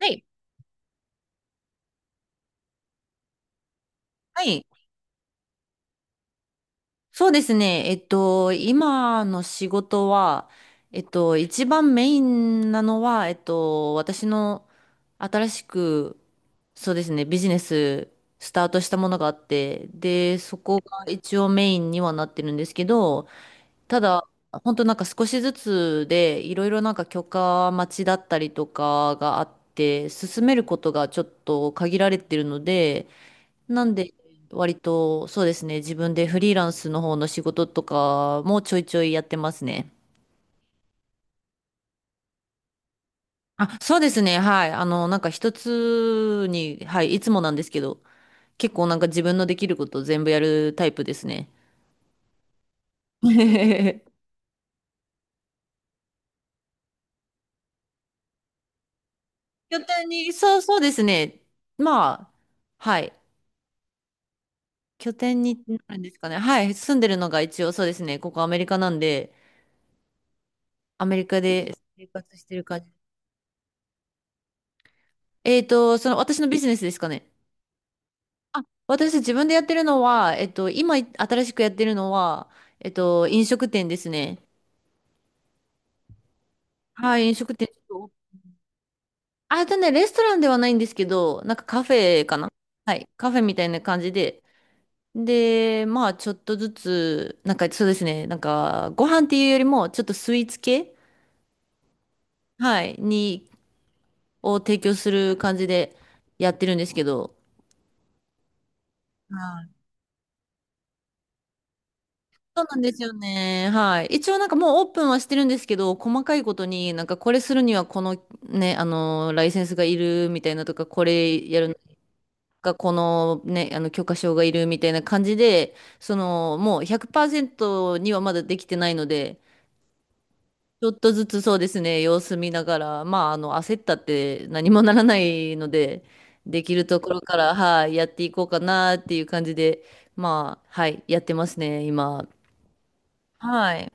はい。はい。そうですね。今の仕事は、一番メインなのは、私の新しく、そうですね、ビジネススタートしたものがあって、で、そこが一応メインにはなってるんですけど、ただ、本当なんか少しずつで、いろいろなんか許可待ちだったりとかがあって、進めることがちょっと限られてるので、なんで、割と、そうですね、自分でフリーランスの方の仕事とかもちょいちょいやってますね。あ、そうですね、はい。あの、なんか一つに、はい、いつもなんですけど、結構なんか自分のできること全部やるタイプですね。拠点に、そうそうですね。まあ、はい。拠点になるんですかね。はい。住んでるのが一応そうですね。ここアメリカなんで、アメリカで生活してる感じ。その私のビジネスですかね。私自分でやってるのは、今新しくやってるのは、飲食店ですね。はい、飲食店。あ、レストランではないんですけど、なんかカフェかな。はい、カフェみたいな感じで。で、まあ、ちょっとずつ、なんかそうですね、なんか、ご飯っていうよりも、ちょっとスイーツ系、はい、を提供する感じでやってるんですけど。はい、そうなんですよね。はい。一応なんかもうオープンはしてるんですけど、細かいことになんかこれするにはこのね、あの、ライセンスがいるみたいなとか、これやるのか、このね、あの、許可証がいるみたいな感じで、その、もう100%にはまだできてないので、ちょっとずつそうですね、様子見ながら、まあ、あの、焦ったって何もならないので、できるところから、はい、やっていこうかなっていう感じで、まあ、はい、やってますね、今。はい。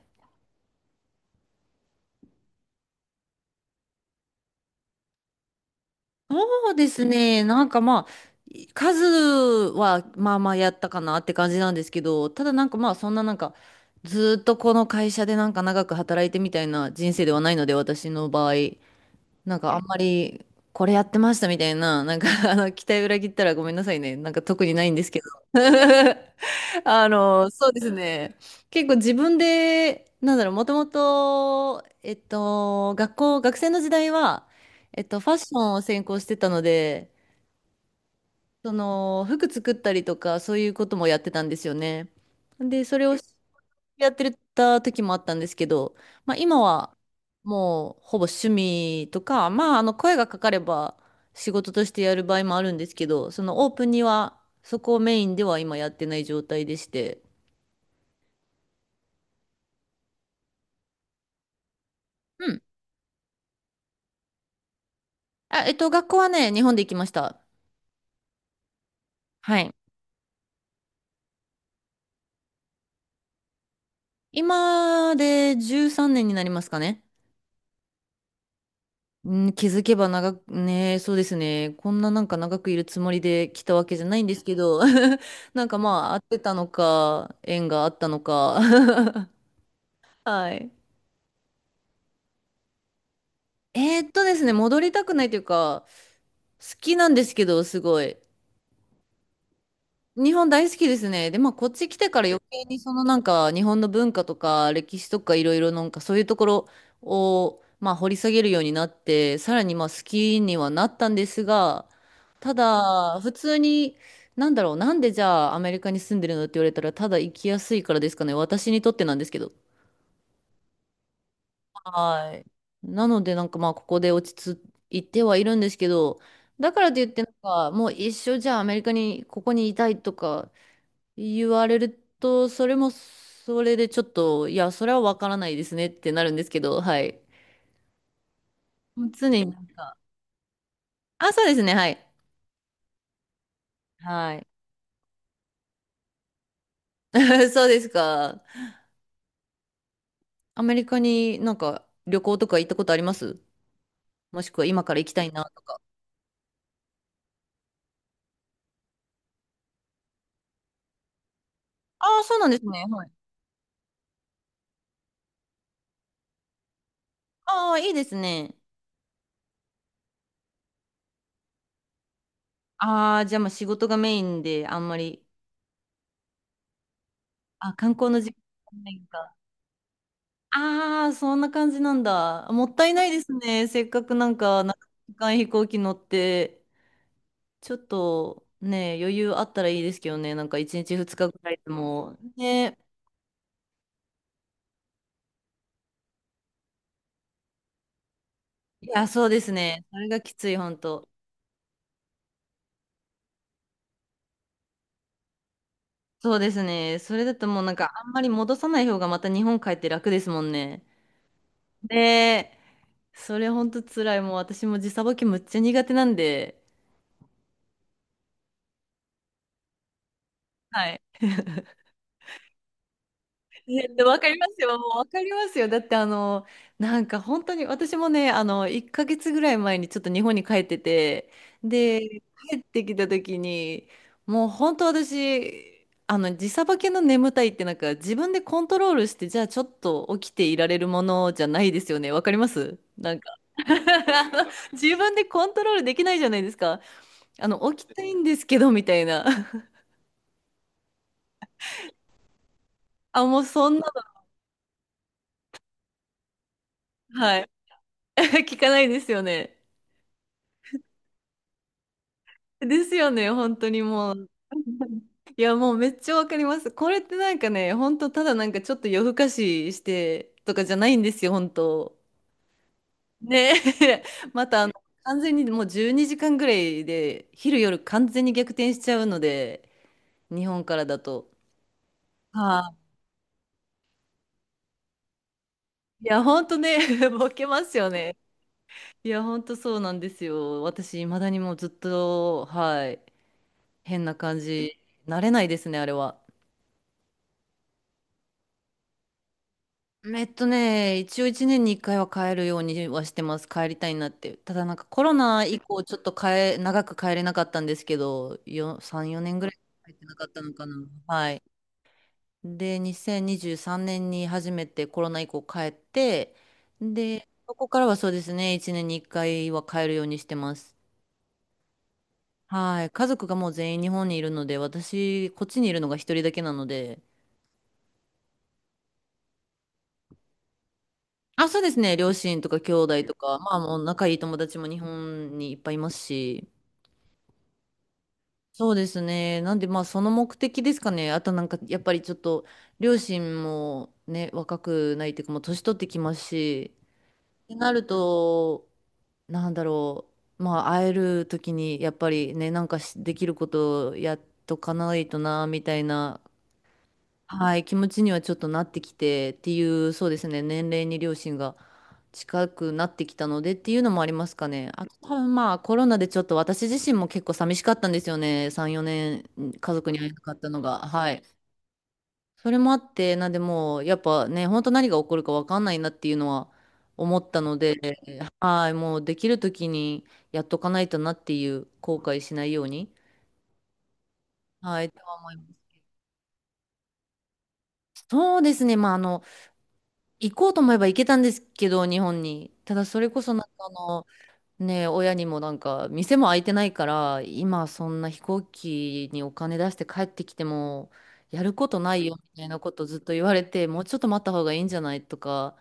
そうですね。なんかまあ、数はまあまあやったかなって感じなんですけど、ただなんかまあそんななんか、ずーっとこの会社でなんか長く働いてみたいな人生ではないので、私の場合、なんかあんまりこれやってましたみたいな、なんかあの、期待裏切ったらごめんなさいね。なんか特にないんですけど。あの、そうですね。結構自分で、なんだろう、もともと、学生の時代は、ファッションを専攻してたので、その、服作ったりとか、そういうこともやってたんですよね。で、それをやってた時もあったんですけど、まあ、今は、もう、ほぼ趣味とか、まあ、あの、声がかかれば、仕事としてやる場合もあるんですけど、その、オープンには、そこをメインでは今やってない状態でして、あ、学校はね、日本で行きました。はい。今で13年になりますかね。うん、気づけば長く、ね、そうですね。こんななんか長くいるつもりで来たわけじゃないんですけど、なんかまあ、合ってたのか、縁があったのか。はい。ですね、戻りたくないというか、好きなんですけど、すごい。日本大好きですね。で、まあ、こっち来てから余計にそのなんか日本の文化とか歴史とかいろいろなんかそういうところをまあ掘り下げるようになって、さらにまあ好きにはなったんですが、ただ普通に、なんだろう、なんでじゃあアメリカに住んでるのって言われたら、ただ行きやすいからですかね。私にとってなんですけど。はい。なのでなんかまあここで落ち着いてはいるんですけど、だからといってなんかもう一生じゃあアメリカにここにいたいとか、言われると、それもそれでちょっと、いや、それはわからないですねってなるんですけど、はい。もう常になんか、あ、そうですね、はい。はい。そうですか。アメリカになんか旅行とか行ったことあります？もしくは今から行きたいなとか。ああ、そうなんですね。はい。ああ、いいですね。ああ、じゃあまあ仕事がメインであんまり、あ、観光の時間ないか。ああ、そんな感じなんだ。もったいないですね。せっかくなんか、なんか時間飛行機乗って。ちょっとね、余裕あったらいいですけどね、なんか1日2日ぐらいでも。ね、いや、そうですね。それがきつい、本当。そうですね。それだともうなんかあんまり戻さない方がまた日本帰って楽ですもんね。ねえ、それ本当辛い。もう私も時差ボケむっちゃ苦手なんで。はい。ね、わかりますよ。もうわかりますよ。だってあの、なんか本当に私もね、あの、1ヶ月ぐらい前にちょっと日本に帰ってて、で、帰ってきた時に、もう本当私、あの、時差ボケの眠たいってなんか自分でコントロールして、じゃあちょっと起きていられるものじゃないですよね。わかりますなんか。 あの自分でコントロールできないじゃないですか。あの、起きたいんですけど、みたいな。あ、もうそんなの、はい。聞かないですよね。ですよね、本当にもう。いや、もうめっちゃわかります。これってなんかね、本当ただなんかちょっと夜更かししてとかじゃないんですよ、本当。ね、またあの完全にもう12時間ぐらいで、昼夜完全に逆転しちゃうので、日本からだと。はい。いや、本当ね、ボケますよね。いや、本当そうなんですよ。私、いまだにもうずっと、はい、変な感じ、慣れないですね、あれは。一応一年に一回は帰るようにはしてます。帰りたいなって。ただなんかコロナ以降ちょっと長く帰れなかったんですけど、3、4年ぐらい帰ってなかったのかな。はい。で、2023年にじゅうさんねんに初めてコロナ以降帰って、で、そこからはそうですね、一年に一回は帰るようにしてます。はい。家族がもう全員日本にいるので、私、こっちにいるのが一人だけなので、あ、そうですね。両親とか兄弟とか、まあもう仲いい友達も日本にいっぱいいますし。そうですね。なんでまあその目的ですかね。あとなんかやっぱりちょっと両親もね、若くないというかもう年取ってきますし、ってなると、なんだろう。まあ会える時にやっぱりね、なんかしできることをやっとかないとな、みたいな、はい、気持ちにはちょっとなってきてっていう、そうですね、年齢に両親が近くなってきたのでっていうのもありますかね。あと多分まあコロナでちょっと私自身も結構寂しかったんですよね。3、4年家族に会えなかったのが。はい。それもあって、なんでもうやっぱね、本当何が起こるかわかんないなっていうのは思ったので、はい、もうできる時にやっとかないとなっていう後悔しないように。はい、とは思います。そうですね。まあ、あの、行こうと思えば行けたんですけど、日本に。ただそれこそなんかあの、ね、親にもなんか、店も開いてないから、今そんな飛行機にお金出して帰ってきても、やることないよみたいなことずっと言われて、もうちょっと待った方がいいんじゃないとか、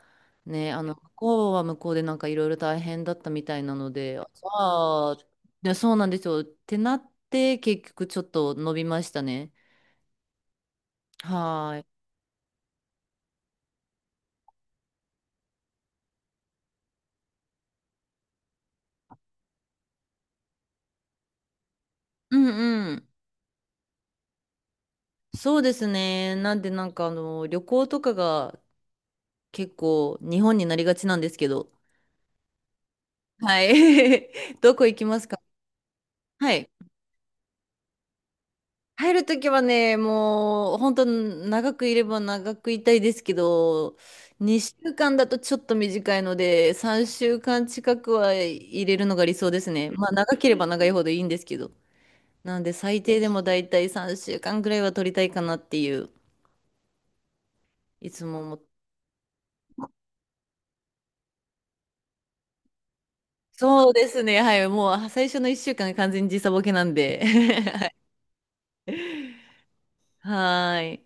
ね、あの、向こうは向こうでなんかいろいろ大変だったみたいなので、ああ、ねそうなんですよ。ってなって、結局ちょっと伸びましたね。はーい。うんうん。そうですね。なんでなんかあの旅行とかが結構日本になりがちなんですけど。はい。どこ行きますか？はい。入るときはね、もう本当長くいれば長くいたいですけど、2週間だとちょっと短いので、3週間近くは入れるのが理想ですね。まあ長ければ長いほどいいんですけど。なので最低でもだいたい3週間ぐらいは取りたいかなっていう、いつも思って、そうですね。はい。もう最初の1週間が完全に時差ボケなんで。はい。はーい。